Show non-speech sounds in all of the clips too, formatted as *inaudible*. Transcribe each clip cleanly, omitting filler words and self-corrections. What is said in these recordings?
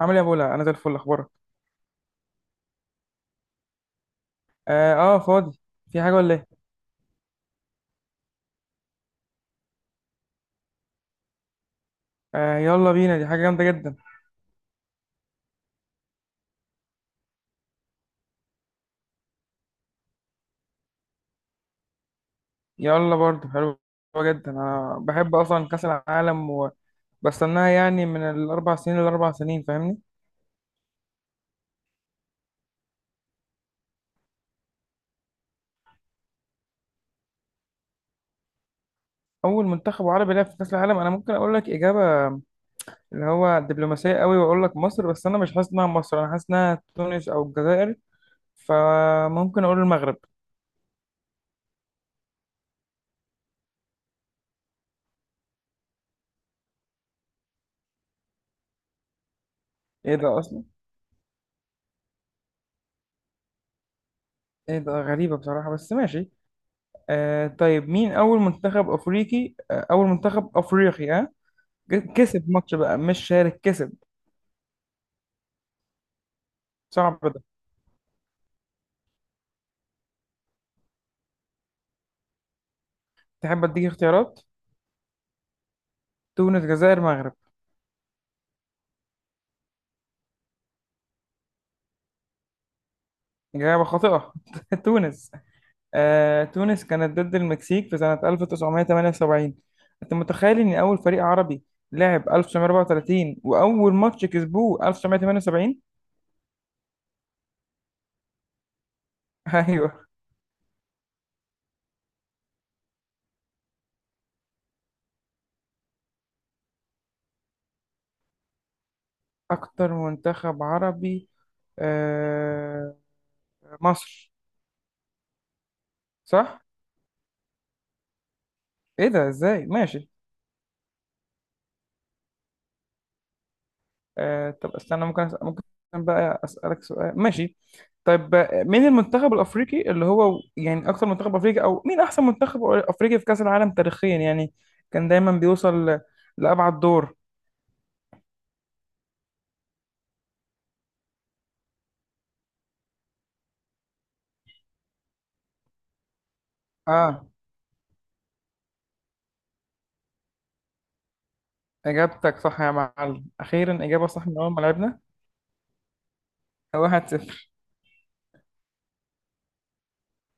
عامل ايه يا بولا؟ انا زي الفل، اخبارك؟ اه, آه، فاضي. في حاجه ولا ايه؟ آه يلا بينا، دي حاجه جامده جدا. يلا، برضو حلوه جدا، انا بحب اصلا كاس العالم، وبستناها يعني من الاربع سنين للاربع سنين، فاهمني؟ اول منتخب عربي لعب في كاس العالم؟ انا ممكن اقول لك اجابه، اللي هو دبلوماسيه قوي، واقول لك مصر. بس انا مش حاسس انها مصر، انا حاسس انها تونس او الجزائر، فممكن اقول المغرب. ايه ده اصلا؟ ايه ده؟ غريبه بصراحه، بس ماشي. آه طيب، مين أول منتخب أفريقي؟ آه أول منتخب أفريقي، ها؟ كسب ماتش بقى، مش شارك، كسب. صعب ده. تحب أديك اختيارات؟ تونس، جزائر، مغرب. إجابة خاطئة. *laughs* تونس. آه تونس كانت ضد المكسيك في سنة 1978. أنت متخيل إن أول فريق عربي لعب 1934، وأول ماتش كسبوه 1978؟ *laughs* أيوه. أكتر منتخب عربي؟ آه، مصر. صح؟ إيه ده؟ إزاي؟ ماشي. آه طب استنى، ممكن أسأل، ممكن بقى أسألك سؤال؟ ماشي. طيب آه، مين المنتخب الأفريقي اللي هو يعني أكثر منتخب أفريقي، أو مين أحسن منتخب أفريقي في كأس العالم تاريخيا، يعني كان دايما بيوصل لأبعد دور؟ آه، إجابتك صح يا معلم، أخيرا إجابة صح من أول ما لعبنا. واحد صفر.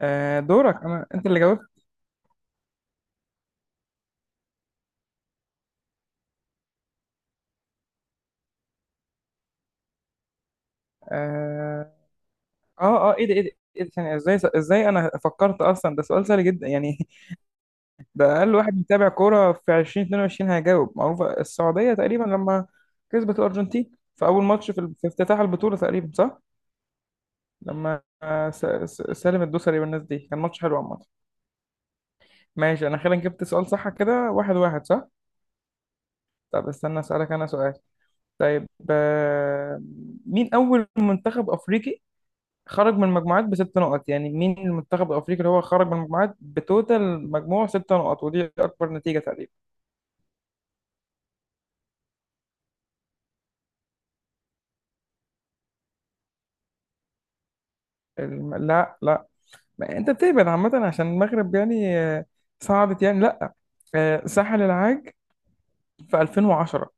آه دورك، أنا أنت اللي جاوبت. آه آه، إيه ده؟ ثانية، إزاي؟ إزاي أنا فكرت أصلا ده سؤال سهل جدا يعني؟ ده اقل واحد متابع كوره في 2022 هيجاوب، معروفه السعوديه تقريبا لما كسبت الارجنتين في اول ماتش، في افتتاح البطوله تقريبا، صح. لما آه، سالم الدوسري والناس دي، كان ماتش حلو عامه. ماشي، انا خيرا جبت سؤال صح كده، واحد واحد، صح. طب استنى اسالك انا سؤال. طيب آه، مين اول منتخب افريقي خرج من المجموعات بست نقط؟ يعني مين المنتخب الافريقي اللي هو خرج من المجموعات بتوتال مجموع ست نقط؟ ودي اكبر نتيجه تقريبا. لا لا، ما انت بتهبد عامة، عشان المغرب يعني آه، صعدت يعني، لا. آه، ساحل العاج في 2010.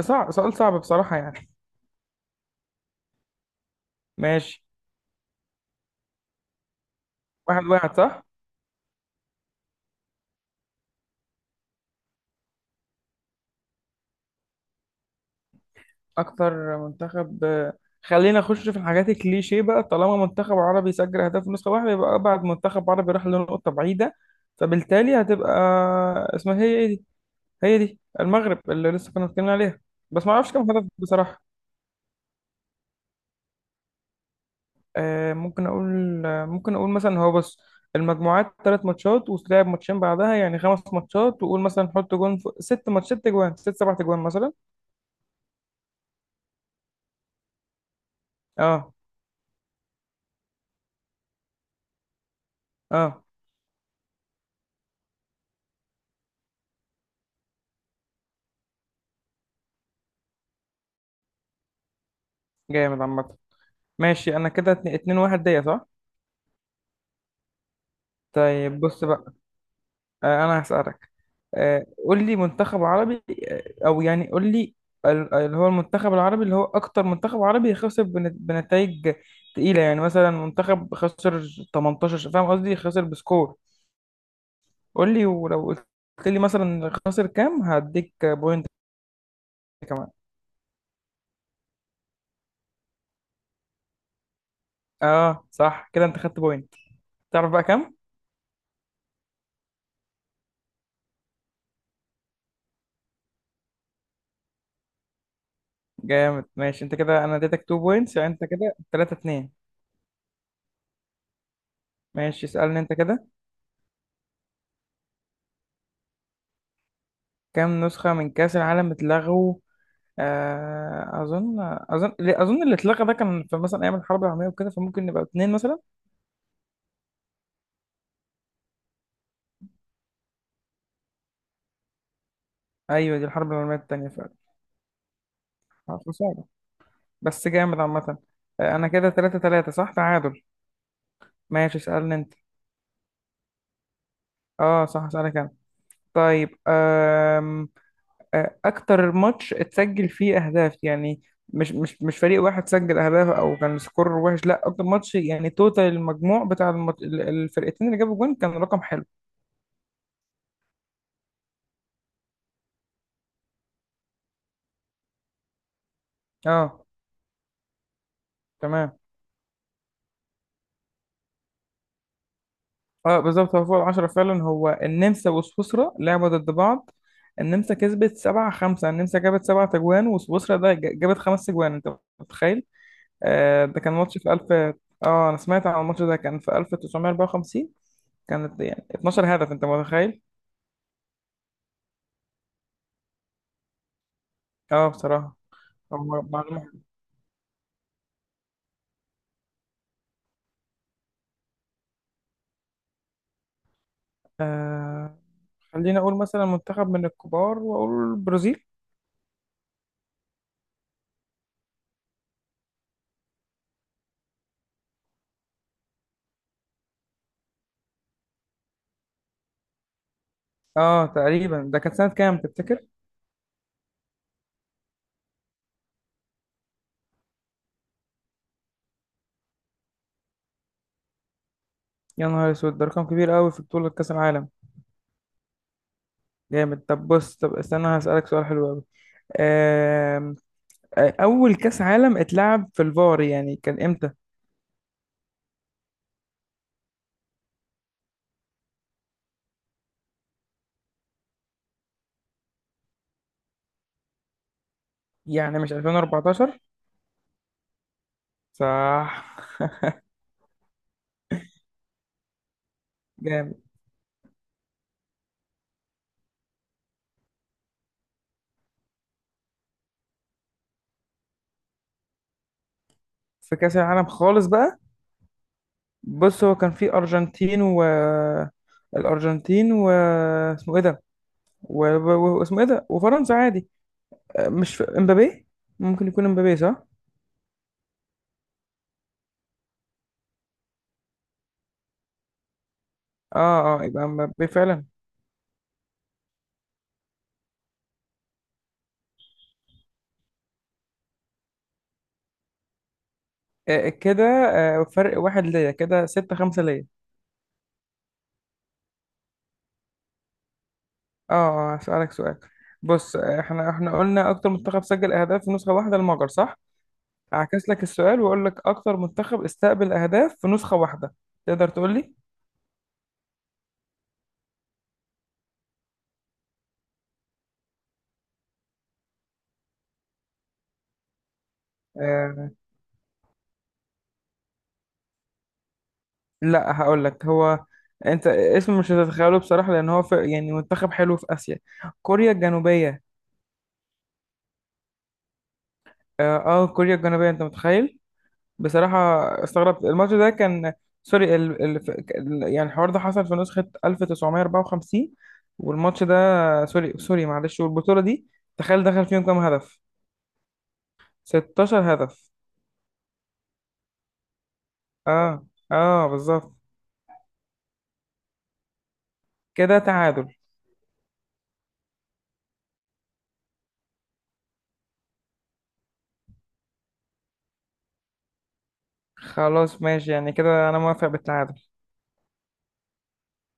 صعب، سؤال صعب بصراحة يعني. ماشي، واحد واحد صح. اكتر منتخب آه، خلينا نخش في الحاجات الكليشيه بقى، طالما منتخب عربي سجل اهداف في نسخة واحدة، يبقى ابعد منتخب عربي راح لنقطة بعيدة، فبالتالي هتبقى، اسمها هي ايه دي، هي دي المغرب اللي لسه كنا بنتكلم عليها. بس ما اعرفش كام هدف بصراحة. آه، ممكن اقول آه، ممكن اقول مثلا، هو بص، المجموعات ثلاث ماتشات وتلعب ماتشين بعدها يعني خمس ماتشات، وقول مثلا حط جون في ست ماتشات، ست جوان، ست سبع جوان مثلا. اه اه. جامد عامة. ماشي، انا كده اتنين اتنين، واحد ليا، صح؟ طيب بص بقى، آه، انا هسألك، آه، قول لي منتخب عربي، آه، او يعني قول لي اللي هو المنتخب العربي اللي هو اكتر منتخب عربي خسر بنتائج تقيلة، يعني مثلا منتخب خسر 18، فاهم قصدي؟ خسر بسكور، قول لي، ولو قلت لي مثلا خسر كام هديك بوينت. كمان. اه صح، كده انت خدت بوينت. تعرف بقى كام؟ جامد. ماشي، انت كده انا اديتك 2 بوينتس، يعني انت كده 3 2. ماشي اسالني انت كده. كام نسخة من كأس العالم اتلغوا؟ آه اظن لا، اظن اللي اتلغى ده كان في مثلا ايام الحرب العالميه وكده، فممكن نبقى اتنين مثلا. ايوه، دي الحرب العالميه التانيه فعلا. آه، خساره، بس جامد عامه. آه، انا كده 3 3، صح، تعادل. ماشي اسالني انت. اه صح، اسالك. طيب أكتر ماتش اتسجل فيه أهداف، يعني مش فريق واحد سجل أهداف أو كان سكور وحش، لا أكتر ماتش يعني توتال المجموع بتاع الفرقتين اللي جابوا جون كان رقم حلو. أه تمام. أه بالظبط، هو فوق العشرة فعلا، هو النمسا وسويسرا لعبوا ضد بعض، النمسا كسبت سبعة خمسة، النمسا جابت سبعة أجوان وسويسرا ده جابت خمس أجوان، أنت متخيل؟ أه ده كان ماتش في ألف، أه أنا سمعت عن الماتش ده كان في 1954، كانت يعني 12 هدف، انت متخيل؟ اه بصراحة. هو معلومة. آه خليني اقول مثلا منتخب من الكبار، واقول البرازيل. اه تقريبا ده كانت سنة كام تفتكر؟ يا نهار اسود، ده رقم كبير قوي في بطولة كأس العالم. جامد. طب بص، طب استنى هسألك سؤال حلو قوي. آه، اول كأس عالم اتلعب في الفار يعني كان امتى؟ يعني مش 2014؟ صح. جامد. في كأس العالم خالص بقى؟ بص، هو كان في ارجنتين و الارجنتين و اسمه ايه ده، واسمه ايه ده، وفرنسا عادي. آه، مش في امبابي؟ ممكن يكون امبابي، صح. اه اه، يبقى امبابي فعلا. آه كده، آه فرق واحد ليا، كده ستة خمسة ليا. اه آه، هسألك سؤال. بص آه، احنا قلنا اكتر منتخب سجل اهداف في نسخة واحدة المجر، صح. اعكس لك السؤال واقول لك اكتر منتخب استقبل اهداف في نسخة واحدة، تقدر تقول لي؟ آه. لا هقول لك، هو انت اسمه مش هتتخيله بصراحة، لان هو في يعني منتخب حلو في اسيا، كوريا الجنوبية. اه آه، كوريا الجنوبية، انت متخيل؟ بصراحة استغربت، الماتش ده كان، سوري يعني الحوار ده حصل في نسخة 1954، والماتش ده، سوري سوري معلش، والبطولة دي تخيل دخل فيهم كام هدف؟ 16 هدف. اه اه بالظبط. كده تعادل. خلاص ماشي، يعني كده انا موافق بالتعادل.